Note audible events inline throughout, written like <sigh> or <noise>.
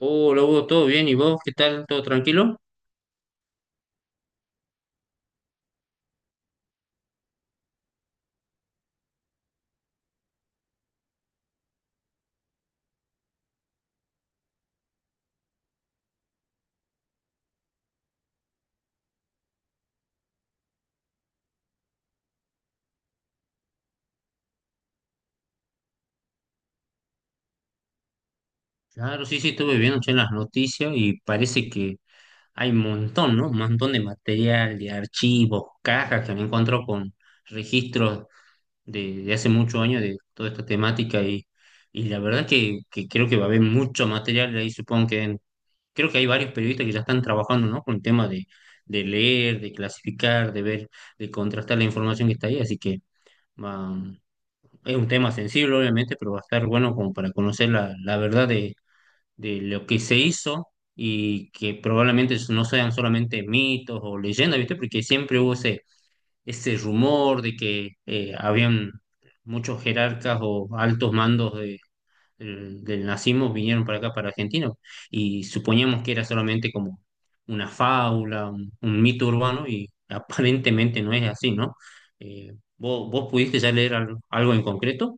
Hola Hugo, ¿todo bien? ¿Y vos qué tal? ¿Todo tranquilo? Claro, sí, sí, estuve viendo che, las noticias y parece que hay un montón, ¿no? Un montón de material, de archivos, cajas que me encuentro con registros de hace muchos años de toda esta temática y la verdad que creo que va a haber mucho material ahí, supongo que creo que hay varios periodistas que ya están trabajando, ¿no? Con el tema de leer, de clasificar, de ver, de contrastar la información que está ahí, así que... Es un tema sensible, obviamente, pero va a estar bueno como para conocer la, la verdad de lo que se hizo y que probablemente no sean solamente mitos o leyendas, ¿viste? Porque siempre hubo ese, ese rumor de que habían muchos jerarcas o altos mandos del, del nazismo vinieron para acá, para Argentina, y suponíamos que era solamente como una fábula, un mito urbano, y aparentemente no es así, ¿no? Eh, ¿vos pudiste ya leer algo algo en concreto?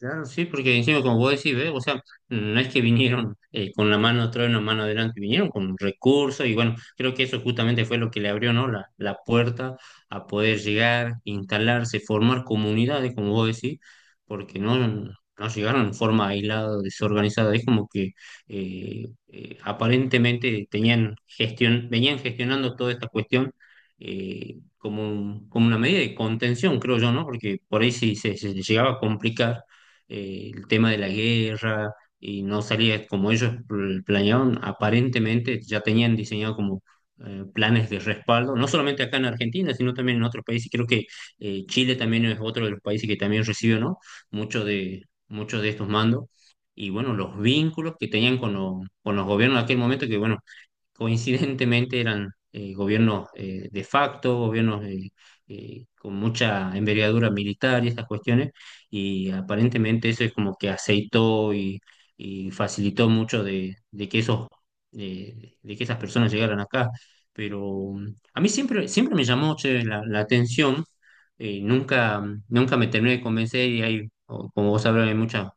Claro, sí, porque encima, como vos decís, ¿ves? O sea, no es que vinieron con la mano atrás y la mano adelante, vinieron con recursos y bueno, creo que eso justamente fue lo que le abrió, ¿no? La puerta a poder llegar, instalarse, formar comunidades, como vos decís, porque no, no llegaron en forma aislada, desorganizada, es como que aparentemente tenían gestión, venían gestionando toda esta cuestión. Como, como una medida de contención, creo yo, ¿no? Porque por ahí sí se llegaba a complicar el tema de la guerra, y no salía como ellos planeaban, aparentemente ya tenían diseñado como planes de respaldo, no solamente acá en Argentina, sino también en otros países. Creo que Chile también es otro de los países que también recibe, ¿no? Muchos de, muchos de estos mandos. Y bueno, los vínculos que tenían con los gobiernos en aquel momento, que bueno, coincidentemente eran gobiernos de facto, gobiernos con mucha envergadura militar y estas cuestiones, y aparentemente eso es como que aceitó y facilitó mucho de que esos, de que esas personas llegaran acá. Pero mm, a mí siempre, siempre me llamó che, la atención, nunca, nunca me terminé de convencer y hay, como vos sabrás, hay muchos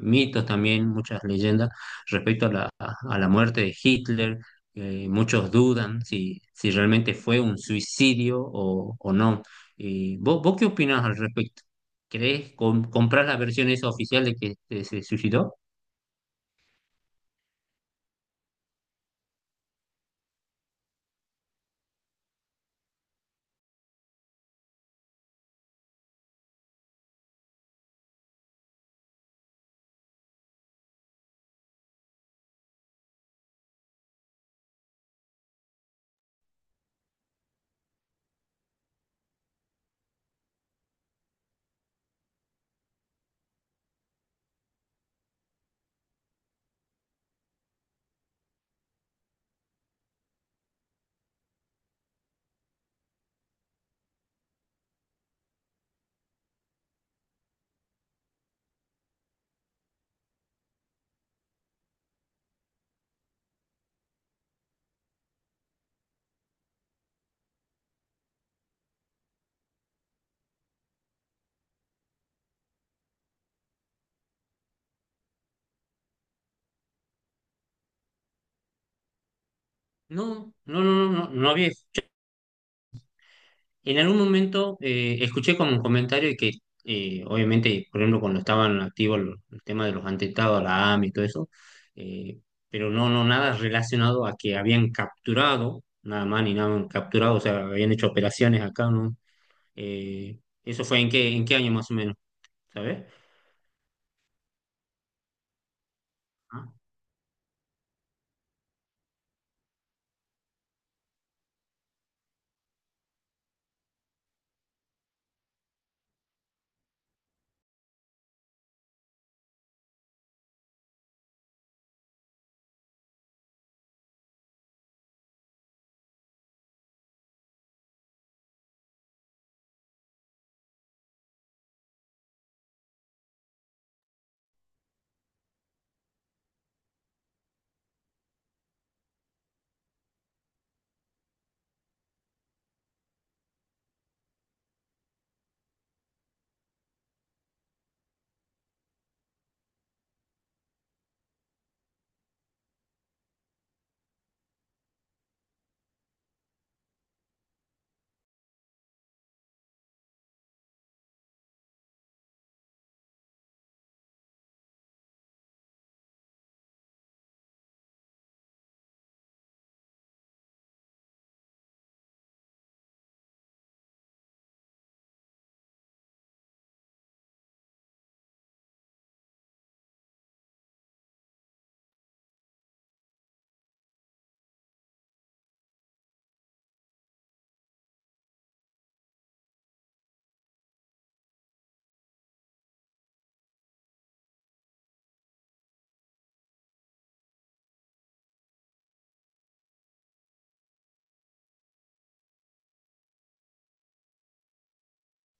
mitos también, muchas leyendas respecto a la muerte de Hitler. Muchos dudan si, si realmente fue un suicidio o no. ¿Vos qué opinás al respecto? ¿Crees, comprás la versión esa oficial de que se suicidó? No, no, no, no, no, no había. En algún momento escuché como un comentario de que, obviamente, por ejemplo, cuando estaban activos el tema de los atentados, la AMI y todo eso, eh, pero no, no, nada relacionado a que habían capturado, nada más ni nada, capturado, o sea, habían hecho operaciones acá, ¿no? ¿Eso fue en qué año más o menos? ¿Sabes? Ah,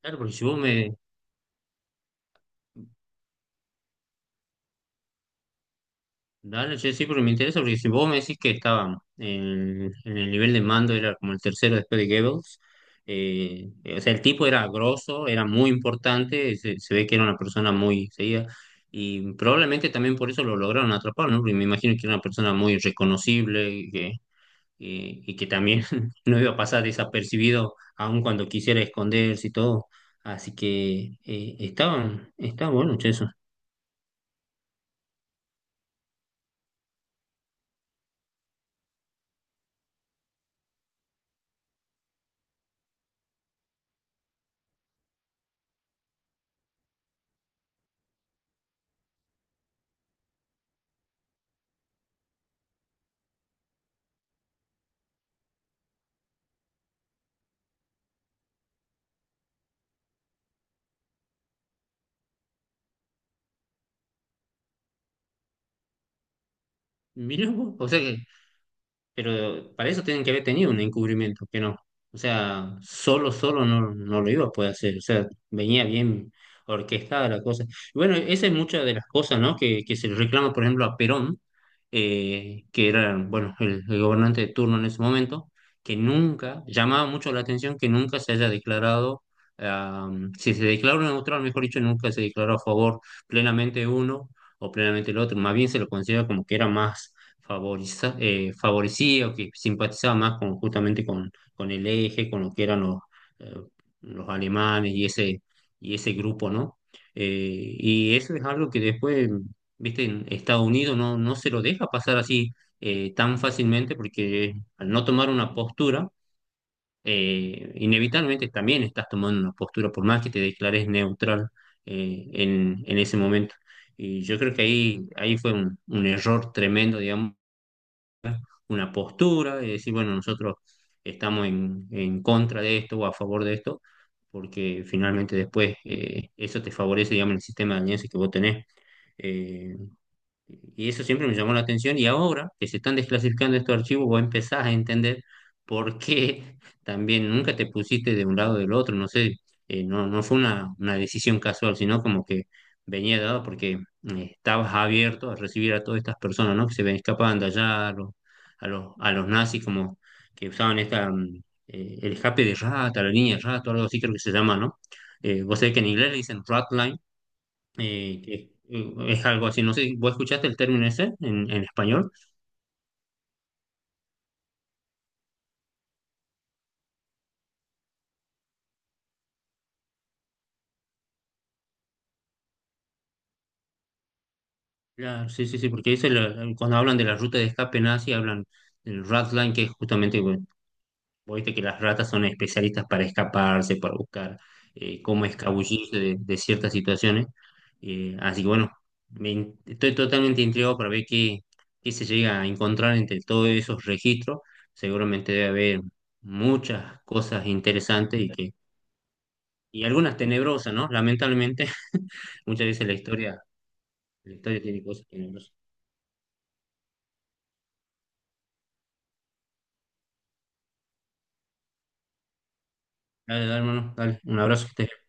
claro, porque si vos me... Dale, che, sí, porque me interesa, porque si vos me decís que estaba en el nivel de mando, era como el tercero después de Goebbels, o sea, el tipo era grosso, era muy importante, se ve que era una persona muy seguida, y probablemente también por eso lo lograron atrapar, ¿no? Porque me imagino que era una persona muy reconocible, y que también <laughs> no iba a pasar desapercibido aun cuando quisiera esconderse y todo. Así que estaban, estaban buenos che, eso. Mirá vos, o sea que pero para eso tienen que haber tenido un encubrimiento, que no. O sea, solo, solo no, no lo iba a poder hacer. O sea, venía bien orquestada la cosa. Y bueno, esa es muchas de las cosas, ¿no? Que se le reclama, por ejemplo, a Perón, que era, bueno, el gobernante de turno en ese momento, que nunca, llamaba mucho la atención que nunca se haya declarado, ah, si se declaró neutral, mejor dicho, nunca se declaró a favor plenamente de uno o plenamente el otro. Más bien se lo considera como que era más favorecía o que simpatizaba más con, justamente con el eje, con lo que eran eh, los alemanes y ese grupo, ¿no? Y eso es algo que después, viste, en Estados Unidos no, no se lo deja pasar así tan fácilmente porque al no tomar una postura, inevitablemente también estás tomando una postura, por más que te declares neutral en ese momento. Y yo creo que ahí, ahí fue un error tremendo, digamos una postura y decir, bueno, nosotros estamos en contra de esto o a favor de esto, porque finalmente después eso te favorece, digamos, el sistema de alianza que vos tenés. Eh, y eso siempre me llamó la atención y ahora que se están desclasificando estos archivos, vos empezás a entender por qué <laughs> también nunca te pusiste de un lado o del otro, no sé, no, no fue una decisión casual, sino como que venía dado porque estabas abierto a recibir a todas estas personas, ¿no? Que se ven escapando allá, a los, a los, a los nazis como que usaban esta, el escape de rata, la línea de rata, algo así creo que se llama, ¿no? Vos sabés que en inglés le dicen rat line, que es algo así, no sé, si ¿vos escuchaste el término ese en español? Claro, sí, sí, sí, porque dice cuando hablan de la ruta de escape nazi, hablan del Ratline, que es justamente, bueno, vos viste que las ratas son especialistas para escaparse, para buscar cómo escabullirse de ciertas situaciones. Así que bueno, estoy totalmente intrigado para ver qué, qué se llega a encontrar entre todos esos registros. Seguramente debe haber muchas cosas interesantes y que y algunas tenebrosas, ¿no? Lamentablemente, muchas veces la historia tiene cosas que no. Dale, dale, hermano, dale. Un abrazo que estés bien.